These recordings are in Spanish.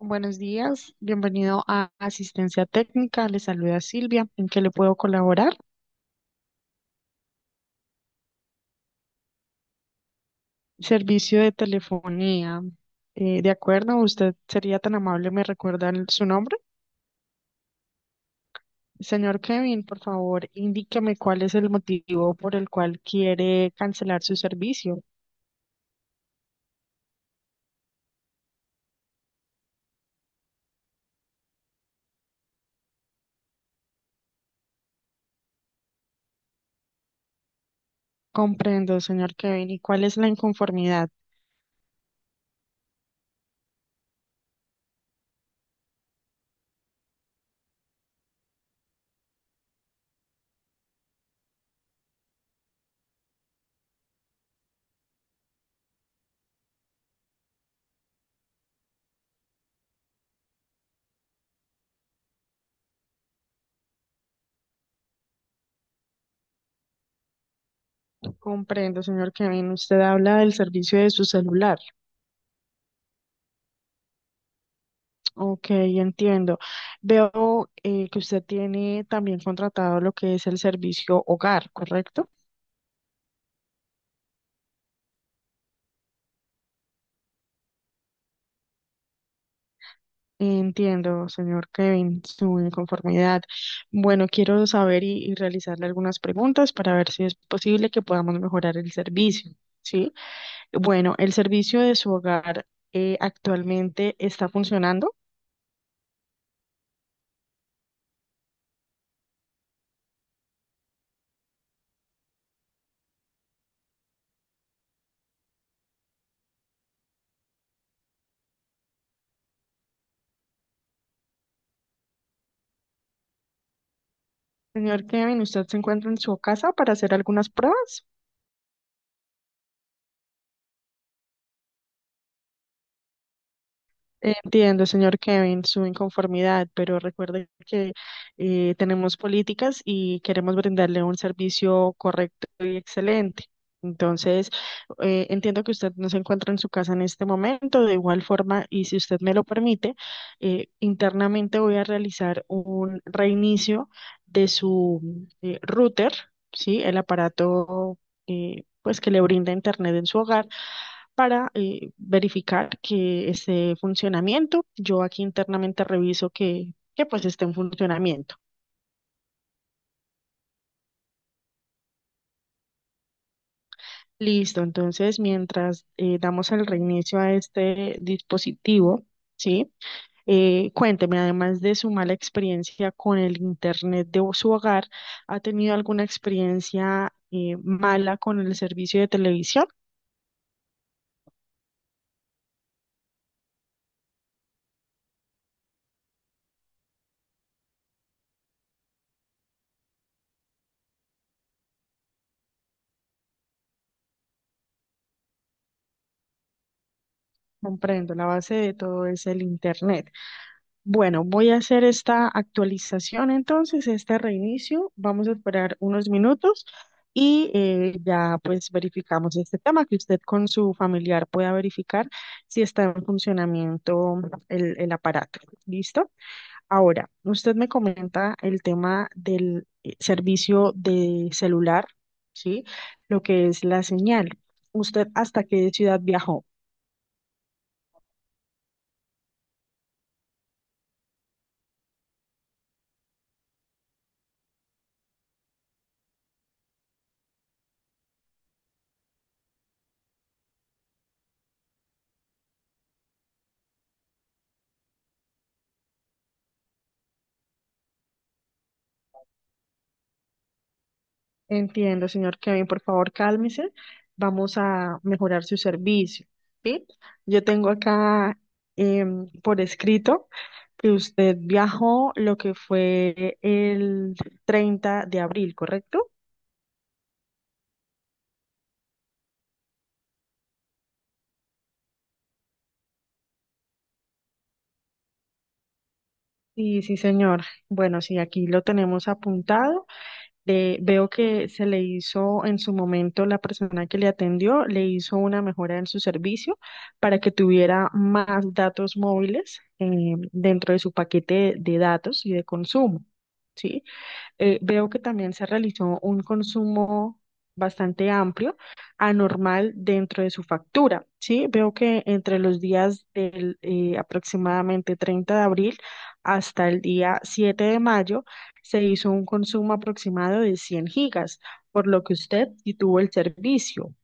Buenos días, bienvenido a Asistencia Técnica. Le saluda Silvia. ¿En qué le puedo colaborar? Servicio de telefonía. De acuerdo, usted sería tan amable, ¿me recuerda su nombre? Señor Kevin, por favor, indíqueme cuál es el motivo por el cual quiere cancelar su servicio. Comprendo, señor Kevin. ¿Y cuál es la inconformidad? Comprendo, señor Kevin. Usted habla del servicio de su celular. Ok, entiendo. Veo que usted tiene también contratado lo que es el servicio hogar, ¿correcto? Entiendo, señor Kevin, su inconformidad. Bueno, quiero saber y realizarle algunas preguntas para ver si es posible que podamos mejorar el servicio, ¿sí? Bueno, el servicio de su hogar actualmente está funcionando. Señor Kevin, ¿usted se encuentra en su casa para hacer algunas pruebas? Entiendo, señor Kevin, su inconformidad, pero recuerde que tenemos políticas y queremos brindarle un servicio correcto y excelente. Entonces, entiendo que usted no se encuentra en su casa en este momento. De igual forma, y si usted me lo permite, internamente voy a realizar un reinicio de su router, ¿sí? El aparato pues que le brinda internet en su hogar para verificar que esté en funcionamiento. Yo aquí internamente reviso que pues esté en funcionamiento. Listo, entonces mientras damos el reinicio a este dispositivo, ¿sí? Cuénteme, además de su mala experiencia con el internet de su hogar, ¿ha tenido alguna experiencia mala con el servicio de televisión? Comprendo, la base de todo es el Internet. Bueno, voy a hacer esta actualización entonces, este reinicio. Vamos a esperar unos minutos y ya pues verificamos este tema, que usted con su familiar pueda verificar si está en funcionamiento el aparato. ¿Listo? Ahora, usted me comenta el tema del servicio de celular, ¿sí? Lo que es la señal. ¿Usted hasta qué ciudad viajó? Entiendo, señor Kevin, por favor, cálmese. Vamos a mejorar su servicio, ¿sí? Yo tengo acá por escrito que usted viajó lo que fue el 30 de abril, ¿correcto? Sí, sí, señor. Bueno, sí, aquí lo tenemos apuntado. Veo que se le hizo en su momento la persona que le atendió, le hizo una mejora en su servicio para que tuviera más datos móviles dentro de su paquete de datos y de consumo, ¿sí? Veo que también se realizó un consumo bastante amplio, anormal dentro de su factura, ¿sí? Veo que entre los días del aproximadamente 30 de abril hasta el día 7 de mayo se hizo un consumo aproximado de 100 gigas, por lo que usted sí tuvo el servicio.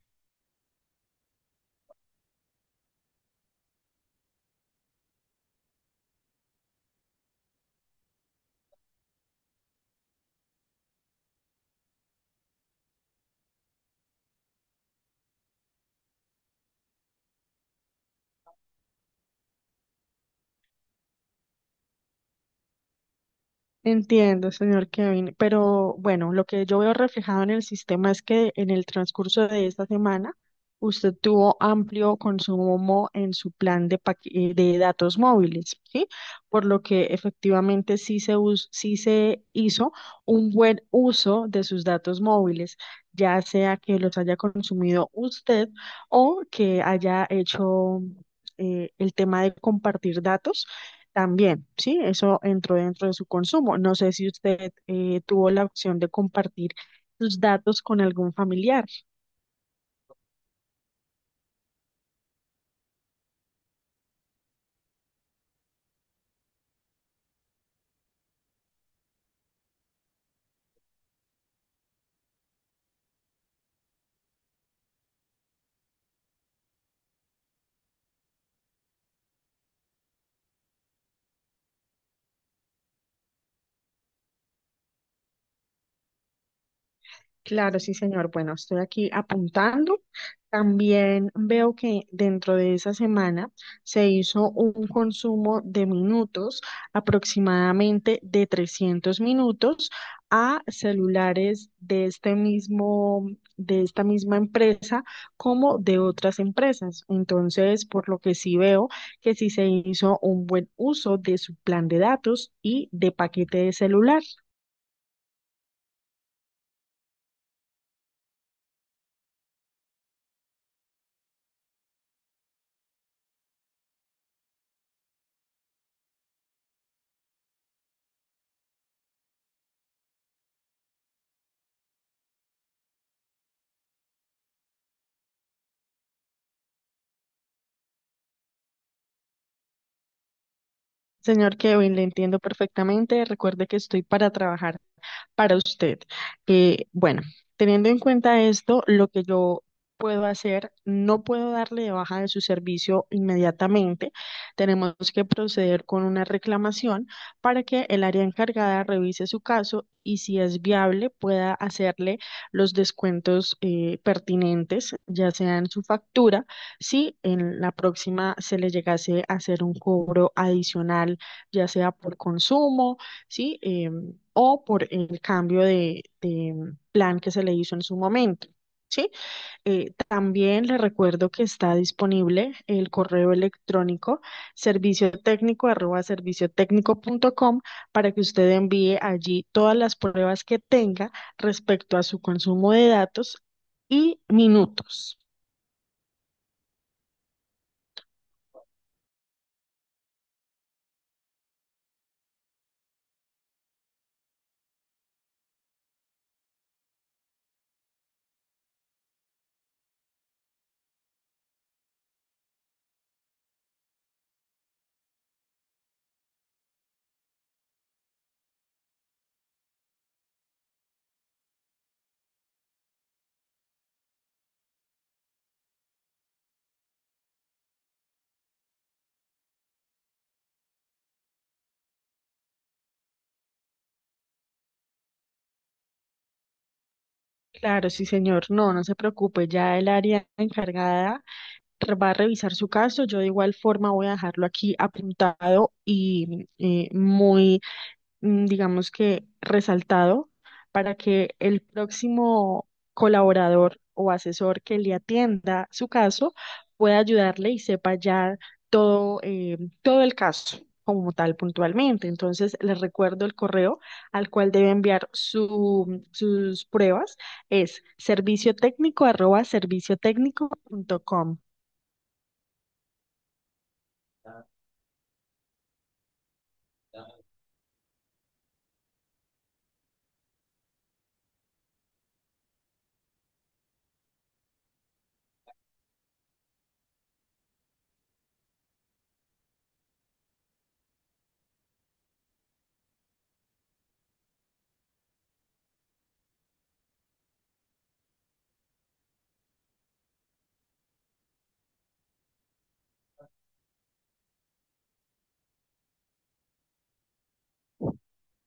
Entiendo, señor Kevin, pero bueno, lo que yo veo reflejado en el sistema es que en el transcurso de esta semana usted tuvo amplio consumo en su plan de datos móviles, ¿sí? Por lo que efectivamente sí se hizo un buen uso de sus datos móviles, ya sea que los haya consumido usted o que haya hecho el tema de compartir datos también, sí, eso entró dentro de su consumo. No sé si usted tuvo la opción de compartir sus datos con algún familiar. Claro, sí, señor. Bueno, estoy aquí apuntando. También veo que dentro de esa semana se hizo un consumo de minutos, aproximadamente de 300 minutos, a celulares de este mismo, de esta misma empresa como de otras empresas. Entonces, por lo que sí veo que sí se hizo un buen uso de su plan de datos y de paquete de celular. Señor Kevin, le entiendo perfectamente. Recuerde que estoy para trabajar para usted. Bueno, teniendo en cuenta esto, lo que yo puedo hacer, no puedo darle de baja de su servicio inmediatamente. Tenemos que proceder con una reclamación para que el área encargada revise su caso y si es viable pueda hacerle los descuentos pertinentes, ya sea en su factura, si en la próxima se le llegase a hacer un cobro adicional, ya sea por consumo. ¿Sí? O por el cambio de plan que se le hizo en su momento. ¿Sí? También le recuerdo que está disponible el correo electrónico servicio técnico arroba servicio técnico punto com para que usted envíe allí todas las pruebas que tenga respecto a su consumo de datos y minutos. Claro, sí, señor. No, no se preocupe. Ya el área encargada va a revisar su caso. Yo de igual forma voy a dejarlo aquí apuntado y muy, digamos que resaltado para que el próximo colaborador o asesor que le atienda su caso pueda ayudarle y sepa ya todo el caso como tal puntualmente. Entonces, les recuerdo el correo al cual debe enviar sus pruebas. Es serviciotecnico@serviciotecnico.com.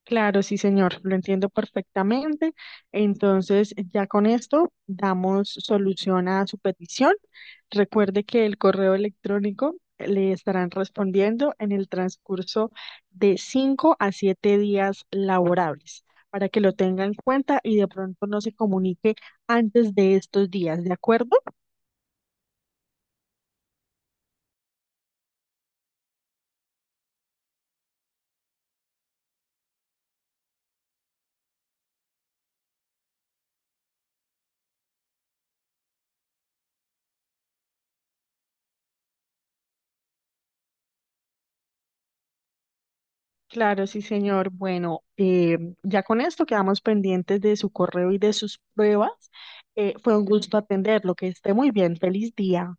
Claro, sí, señor, lo entiendo perfectamente. Entonces, ya con esto damos solución a su petición. Recuerde que el correo electrónico le estarán respondiendo en el transcurso de 5 a 7 días laborables para que lo tenga en cuenta y de pronto no se comunique antes de estos días, ¿de acuerdo? Claro, sí, señor. Bueno, ya con esto quedamos pendientes de su correo y de sus pruebas. Fue un gusto atenderlo. Que esté muy bien. Feliz día.